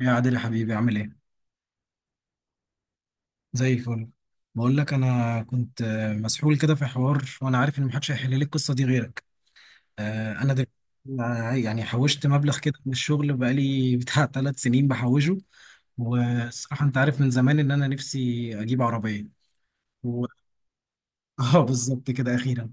يا عادل يا حبيبي، عامل ايه؟ زي الفل. بقول لك انا كنت مسحول كده في حوار، وانا عارف ان محدش هيحل لي القصه دي غيرك. انا دلوقتي يعني حوشت مبلغ كده من الشغل بقالي بتاع 3 سنين بحوشه. والصراحه انت عارف من زمان ان انا نفسي اجيب عربيه و... اه، بالظبط كده اخيرا.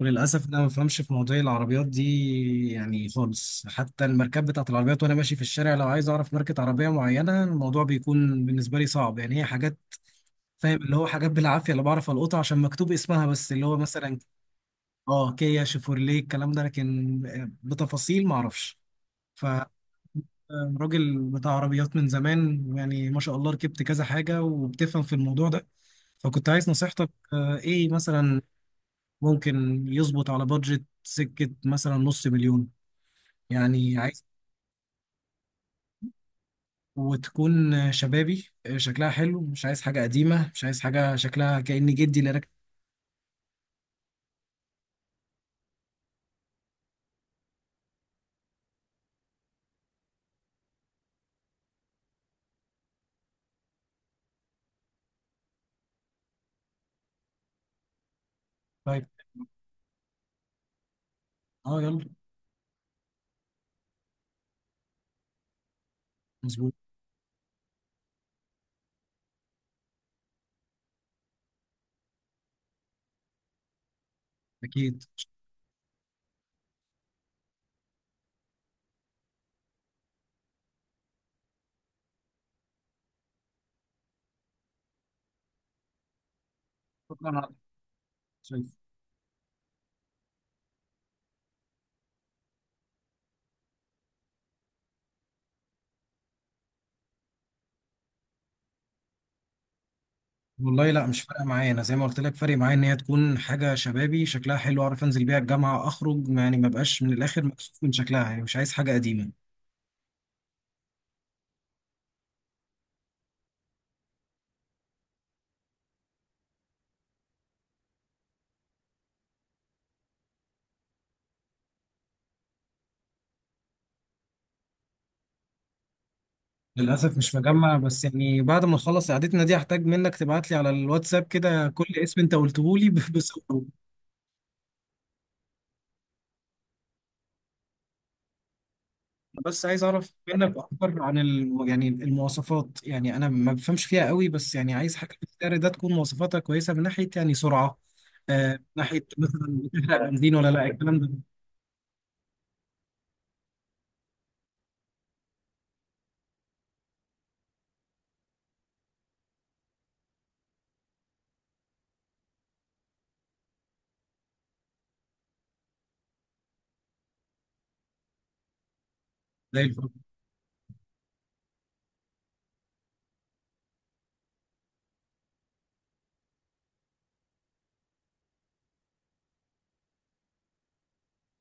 وللاسف انا ما بفهمش في مواضيع العربيات دي يعني خالص، حتى الماركات بتاعت العربيات وانا ماشي في الشارع لو عايز اعرف ماركه عربيه معينه الموضوع بيكون بالنسبه لي صعب يعني، هي حاجات فاهم اللي هو حاجات بالعافيه اللي بعرف القطها عشان مكتوب اسمها، بس اللي هو مثلا اه كيا، شيفورليه، الكلام ده، لكن بتفاصيل ما اعرفش. ف راجل بتاع عربيات من زمان يعني ما شاء الله ركبت كذا حاجه وبتفهم في الموضوع ده، فكنت عايز نصيحتك. ايه مثلا ممكن يظبط على بادجت سكه، مثلا نص مليون يعني. عايز وتكون شبابي، شكلها حلو، مش عايز حاجه قديمه، مش عايز حاجه شكلها كأن جدي اللي راكب. طيب. اه يلا. مظبوط. اكيد. شكرا على التوصيف. والله لا، مش فارقه معايا، انا زي ما قلت لك فارق معايا ان هي تكون حاجه شبابي، شكلها حلو، اعرف انزل بيها الجامعه اخرج يعني، ما بقاش من الاخر مكسوف من شكلها يعني، مش عايز حاجه قديمه. للاسف مش مجمع، بس يعني بعد ما نخلص قعدتنا دي هحتاج منك تبعت لي على الواتساب كده كل اسم انت قلته لي بصوره. بس عايز اعرف منك اكتر عن يعني المواصفات، يعني انا ما بفهمش فيها قوي، بس يعني عايز حاجه في السعر ده تكون مواصفاتها كويسه من ناحيه يعني سرعه، من ناحيه مثلا بتحرق بنزين ولا لا، الكلام ده. زي الفل.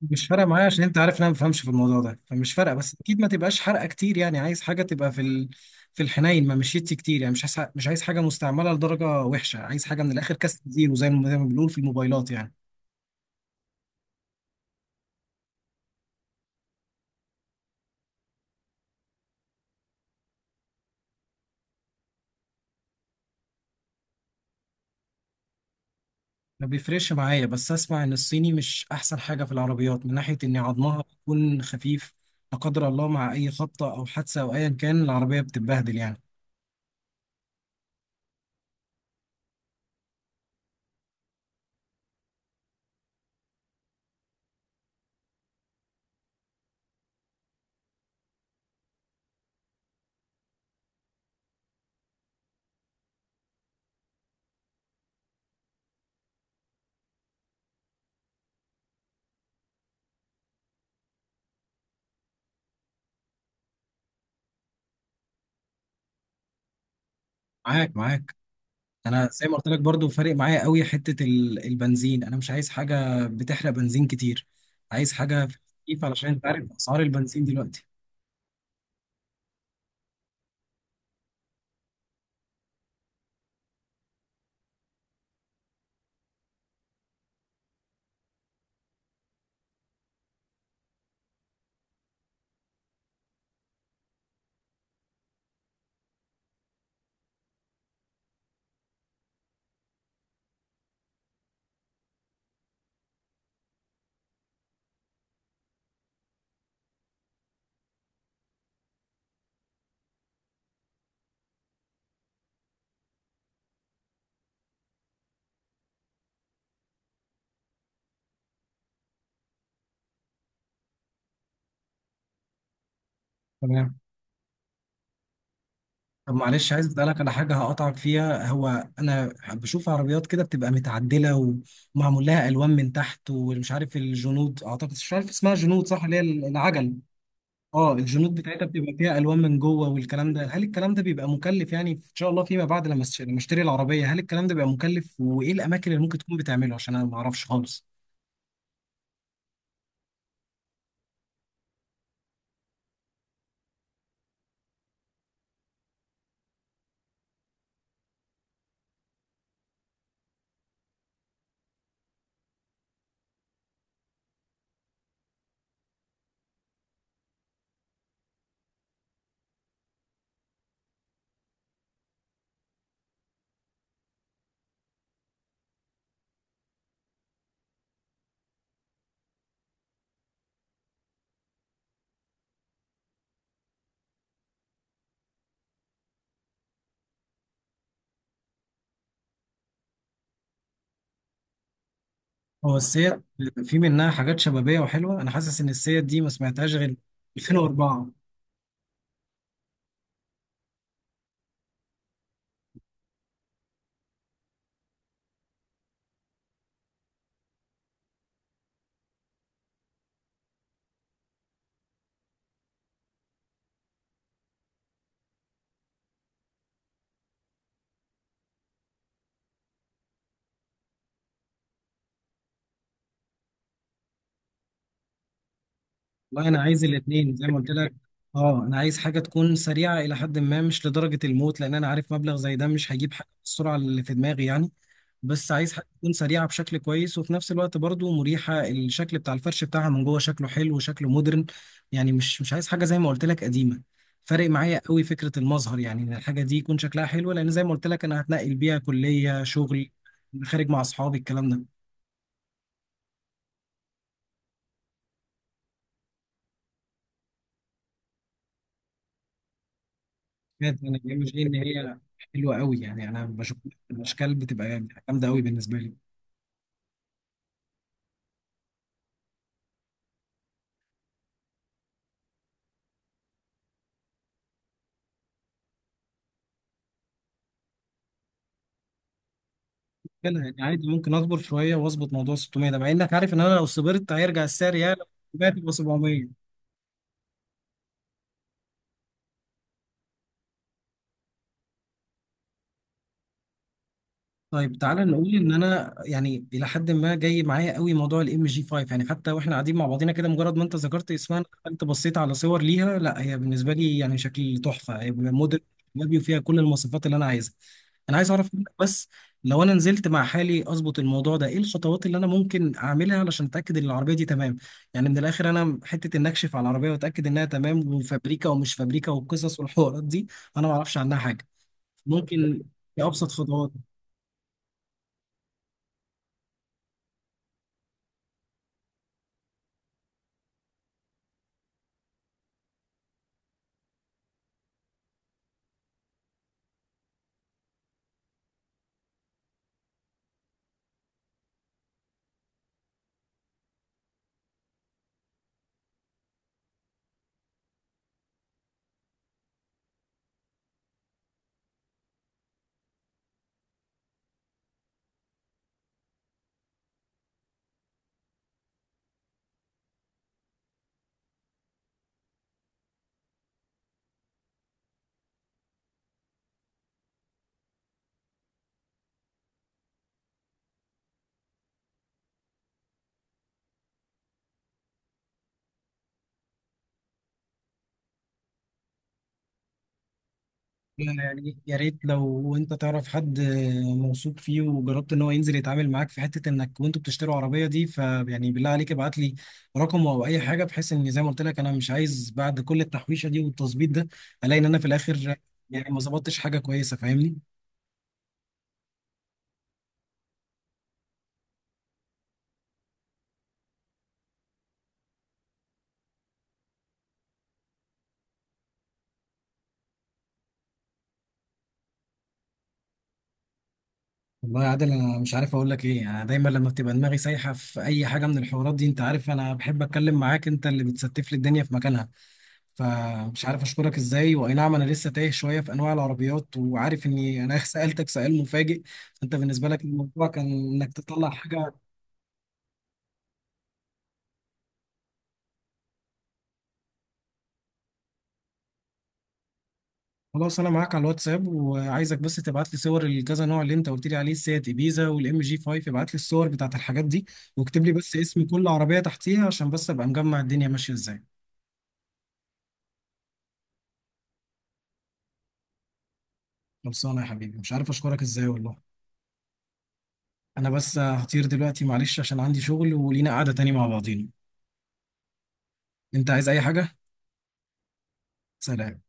مش فارقه معايا عشان انت عارف ان انا ما بفهمش في الموضوع ده فمش فارقه، بس اكيد ما تبقاش حرقه كتير يعني، عايز حاجه تبقى في في الحنين ما مشيتش كتير يعني، مش عايز حاجه مستعمله لدرجه وحشه، عايز حاجه من الاخر كاست زيرو، زي ما بنقول في الموبايلات يعني. ما بيفرقش معايا، بس اسمع ان الصيني مش احسن حاجه في العربيات من ناحيه ان عظمها بيكون خفيف، لا قدر الله مع اي خبطه او حادثه او ايا كان العربيه بتتبهدل يعني. معاك، معاك. انا زي ما قلت لك برضو فارق معايا قوي حته البنزين، انا مش عايز حاجه بتحرق بنزين كتير، عايز حاجه في الخفيف علشان انت عارف اسعار البنزين دلوقتي. تمام. طب معلش عايز اسالك على حاجه هقطعك فيها، هو انا بشوف عربيات كده بتبقى متعدله ومعمول لها الوان من تحت، ومش عارف الجنود اعتقد، مش عارف اسمها جنود صح؟ اللي هي العجل. اه الجنود بتاعتها بتبقى فيها الوان من جوه والكلام ده، هل الكلام ده بيبقى مكلف يعني ان شاء الله فيما بعد لما لما اشتري العربيه، هل الكلام ده بيبقى مكلف وايه الاماكن اللي ممكن تكون بتعمله، عشان انا ما اعرفش خالص. هو السيات في منها حاجات شبابيه وحلوه؟ انا حاسس ان السيات دي ما سمعتهاش غير 2004. والله انا عايز الاثنين زي ما قلت لك، اه انا عايز حاجه تكون سريعه الى حد ما، مش لدرجه الموت لان انا عارف مبلغ زي ده مش هجيب حاجه بالسرعه اللي في دماغي يعني. بس عايز حاجة تكون سريعة بشكل كويس، وفي نفس الوقت برضو مريحة، الشكل بتاع الفرش بتاعها من جوه شكله حلو وشكله مودرن يعني، مش عايز حاجة زي ما قلت لك قديمة. فارق معايا قوي فكرة المظهر، يعني ان الحاجة دي يكون شكلها حلو لان زي ما قلت لك انا هتنقل بيها كلية، شغل، خارج مع اصحابي، الكلام ده. بجد انا جاي، مش جاي ان هي حلوة قوي يعني، انا بشوف الاشكال بتبقى جامدة قوي بالنسبة لي. كده يعني عادي، ممكن اصبر شوية واظبط موضوع 600 ده، مع انك عارف ان انا لو صبرت هيرجع السعر يا 700 تبقى 700. طيب تعالى نقول ان انا يعني الى حد ما جاي معايا قوي موضوع الام جي 5 يعني، حتى واحنا قاعدين مع بعضينا كده مجرد ما انت ذكرت اسمها انا دخلت بصيت على صور ليها، لا هي بالنسبه لي يعني شكل تحفه، هي موديل شبابي وفيها كل المواصفات اللي انا عايزها. انا عايز اعرف منك بس لو انا نزلت مع حالي اظبط الموضوع ده، ايه الخطوات اللي انا ممكن اعملها علشان اتاكد ان العربيه دي تمام، يعني من الاخر انا حته ان اكشف على العربيه واتاكد انها تمام، وفابريكا ومش فابريكا والقصص والحوارات دي، انا ما اعرفش عنها حاجه. ممكن ايه ابسط خطوات؟ يعني يا ريت لو انت تعرف حد موثوق فيه وجربت ان هو ينزل يتعامل معاك في حته انك وانتوا بتشتروا عربيه دي، فيعني بالله عليك ابعت لي رقمه او اي حاجه، بحيث ان زي ما قلت لك انا مش عايز بعد كل التحويشه دي والتظبيط ده الاقي ان انا في الاخر يعني ما ظبطتش حاجه كويسه، فاهمني؟ والله يا عادل انا مش عارف اقول لك ايه، يعني انا دايما لما بتبقى دماغي سايحه في اي حاجه من الحوارات دي انت عارف انا بحب اتكلم معاك، انت اللي بتستف لي الدنيا في مكانها، فمش عارف اشكرك ازاي. واي نعم انا لسه تايه شويه في انواع العربيات، وعارف اني انا سالتك سؤال مفاجئ، انت بالنسبه لك الموضوع كان انك تطلع حاجه. خلاص، انا معاك على الواتساب وعايزك بس تبعت لي صور الكذا نوع اللي انت قلت لي عليه، السيات ابيزا والام جي 5، ابعت لي الصور بتاعت الحاجات دي، واكتب لي بس اسم كل عربيه تحتيها عشان بس ابقى مجمع الدنيا ماشيه ازاي. خلصانه يا حبيبي، مش عارف اشكرك ازاي والله. انا بس هطير دلوقتي معلش عشان عندي شغل، ولينا قعده تاني مع بعضينا. انت عايز اي حاجه؟ سلام.